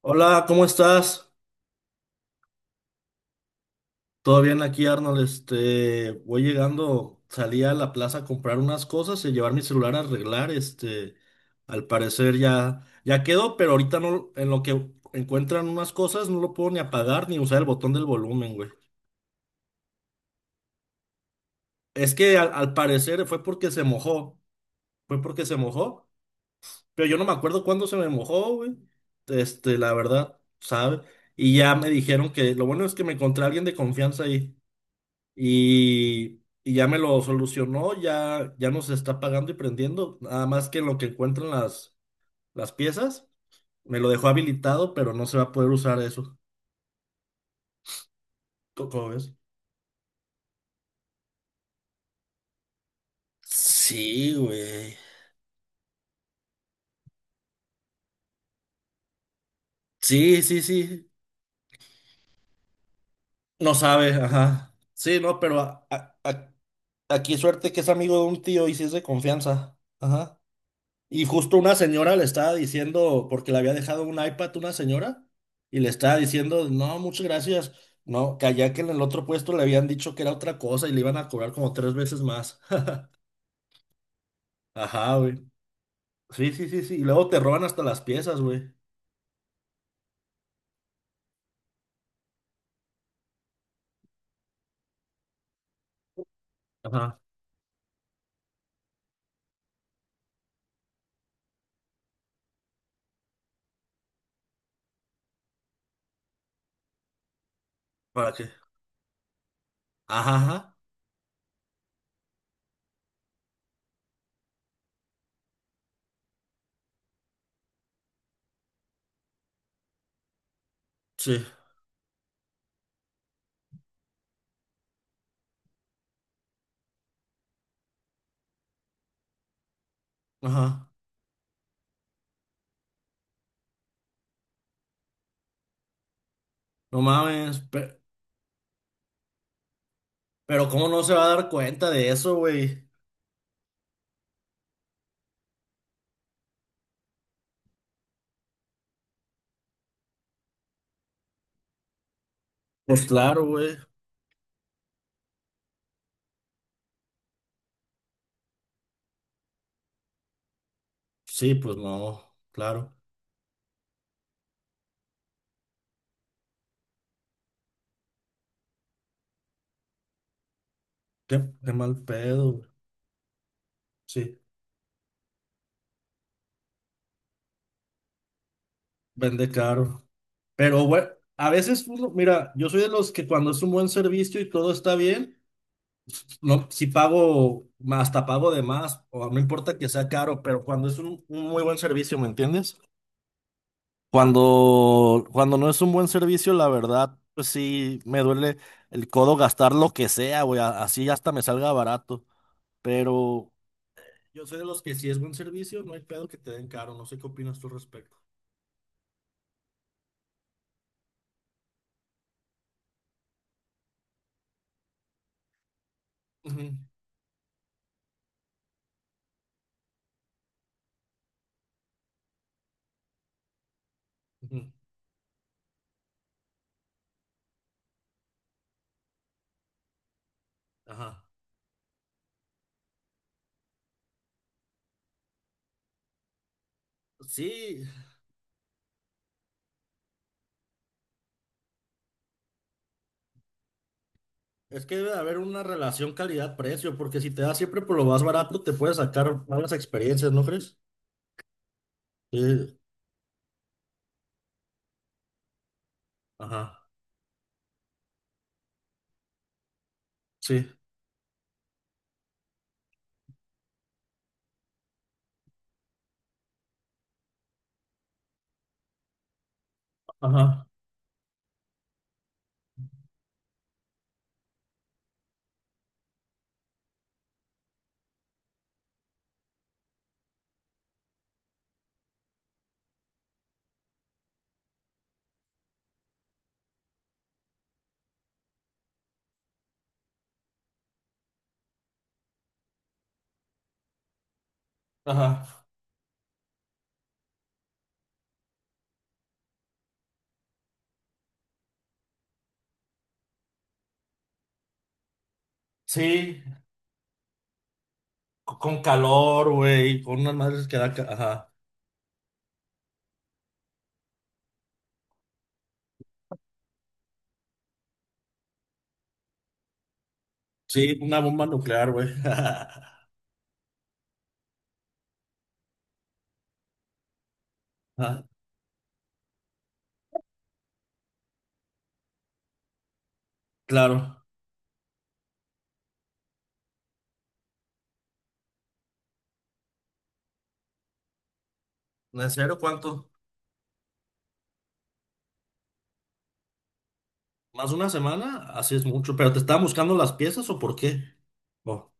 Hola, ¿cómo estás? ¿Todo bien aquí, Arnold? Voy llegando, salí a la plaza a comprar unas cosas y llevar mi celular a arreglar. Al parecer ya quedó, pero ahorita no, en lo que encuentran unas cosas no lo puedo ni apagar ni usar el botón del volumen, güey. Es que al parecer fue porque se mojó, fue porque se mojó, pero yo no me acuerdo cuándo se me mojó, güey. La verdad, ¿sabe? Y ya me dijeron que lo bueno es que me encontré a alguien de confianza ahí. Y, y ya me lo solucionó, ya nos está pagando y prendiendo. Nada más que en lo que encuentran las piezas, me lo dejó habilitado, pero no se va a poder usar eso. ¿Cómo ves? Sí, güey. Sí, sí, sí. No sabe, ajá. Sí, no, pero aquí suerte que es amigo de un tío y si es de confianza. Ajá. Y justo una señora le estaba diciendo, porque le había dejado un iPad una señora, y le estaba diciendo, no, muchas gracias. No, que allá que en el otro puesto le habían dicho que era otra cosa y le iban a cobrar como tres veces más. Ajá, güey. Sí, sí, sí, sí. Y luego te roban hasta las piezas, güey. Ajá. ¿Para qué? Ajá, ajá. Sí. Ajá. No mames. Pero, ¿cómo no se va a dar cuenta de eso, güey? Pues claro, güey. Sí, pues no. Claro. Qué mal pedo, güey. Sí. Vende caro. Pero bueno, a veces, pues, no, mira, yo soy de los que cuando es un buen servicio y todo está bien, no, si pago, hasta pago de más, o no importa que sea caro, pero cuando es un muy buen servicio, ¿me entiendes? Cuando no es un buen servicio, la verdad, pues sí, me duele el codo gastar lo que sea, güey, así hasta me salga barato. Pero yo soy de los que si es buen servicio, no hay pedo que te den caro, no sé qué opinas tú al respecto. Ujú, ujú, ajá. Sí, es que debe de haber una relación calidad-precio, porque si te das siempre por lo más barato, te puedes sacar malas experiencias, ¿no crees? Sí, ajá, sí, ajá, ajá. Sí, con calor, güey, con unas madres que da, ajá. Sí, una bomba nuclear, güey. Ajá, claro. ¿En serio cuánto? ¿Más de una semana? Así es mucho. ¿Pero te estaban buscando las piezas o por qué? Oh,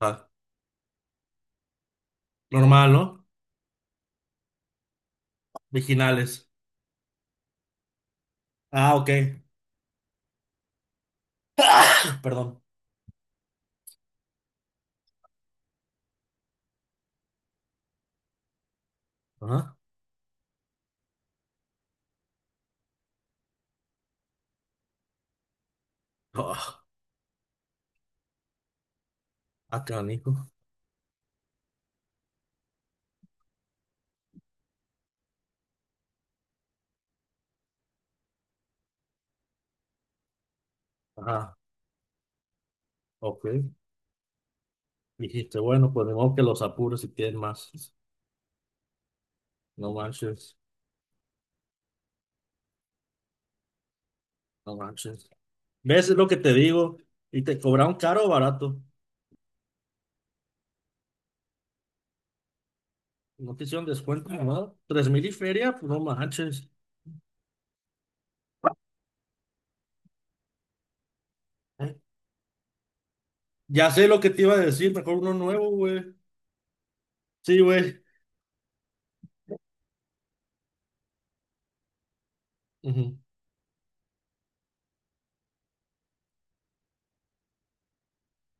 ah, normal, ¿no? Originales. Ah, ok. Perdón. Ajá. Oh, ah, canijo. Ajá. Ok. Dijiste, bueno, pues de modo que los apures si tienes más. No manches, no manches. ¿Ves? Es lo que te digo. Y te cobraron caro o barato. No te hicieron descuento, ¿no? Tres mil y feria, pues no manches. Eh, Ya sé lo que te iba a decir, mejor uno nuevo, güey. Sí, güey. Ujú.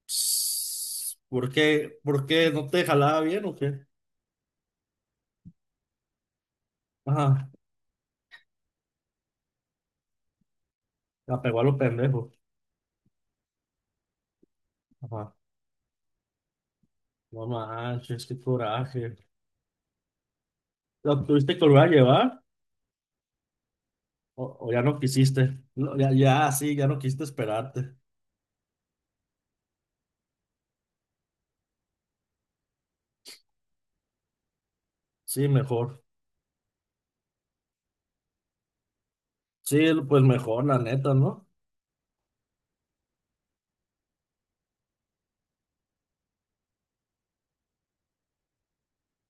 Psss, ¿por qué? ¿Por qué no te jalaba bien o qué? Ajá, la pegó a los pendejos. Ajá. No manches, qué coraje. ¿Lo tuviste que volver a llevar? O ya no quisiste, no, ya, ya, sí, ya no quisiste esperarte. Sí, mejor. Sí, pues mejor, la neta, ¿no?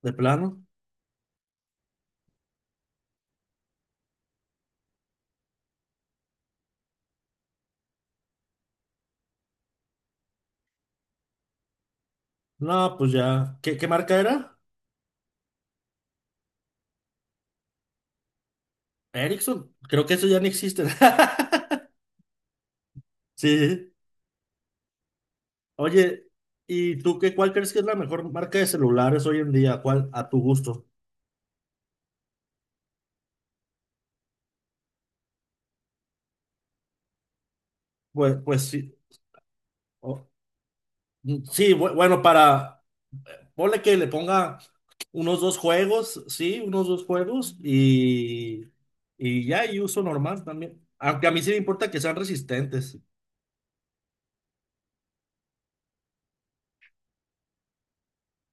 De plano. No, pues ya. ¿Qué marca era? Ericsson. Creo que eso ya no existe. Sí. Oye, ¿y tú qué, cuál crees que es la mejor marca de celulares hoy en día? ¿Cuál a tu gusto? Pues sí. O- sí, bueno, para, ponle que le ponga unos dos juegos, sí, unos dos juegos y ya, y uso normal también. Aunque a mí sí me importa que sean resistentes.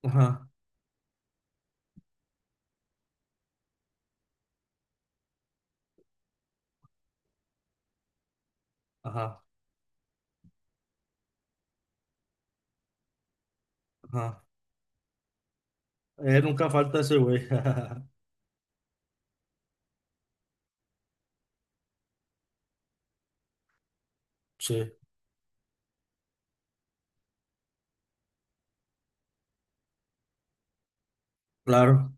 Ajá, ajá, ajá. Nunca falta ese güey. Sí, claro.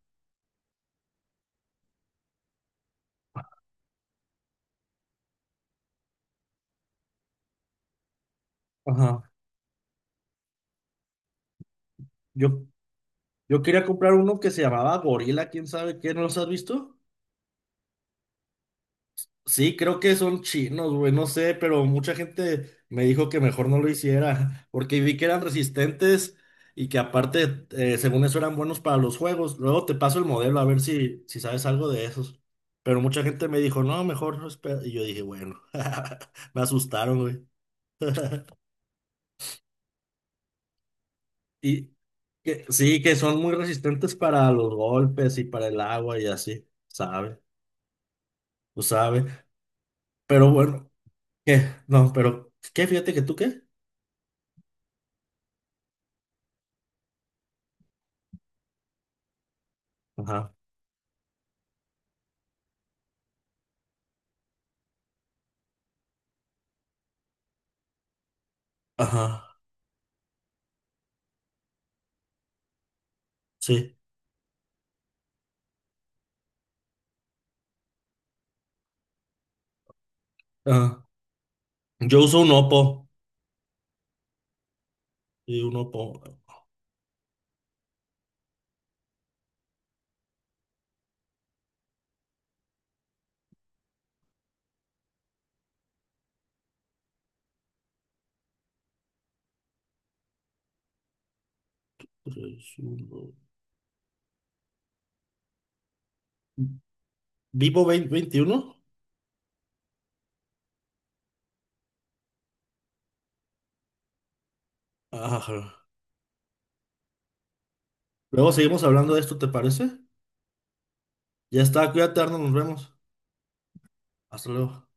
Ajá. Yo, yo quería comprar uno que se llamaba Gorila, quién sabe qué, ¿no los has visto? Sí, creo que son chinos, güey, no sé, pero mucha gente me dijo que mejor no lo hiciera, porque vi que eran resistentes y que aparte, según eso, eran buenos para los juegos. Luego te paso el modelo a ver si sabes algo de esos. Pero mucha gente me dijo, no, mejor no espera. Y yo dije, bueno, me asustaron, güey. Y que, sí, que son muy resistentes para los golpes y para el agua y así, ¿sabe? Tú sabes. Pero bueno, ¿qué? No, pero, ¿qué? Fíjate que tú qué. Ajá. Ajá. Sí. Ajá. Yo uso un Oppo. Sí, un Oppo. Tres, uno. Vivo 20, 21. Ajá. Luego seguimos hablando de esto, ¿te parece? Ya está, cuídate, Arnold, nos vemos. Hasta luego.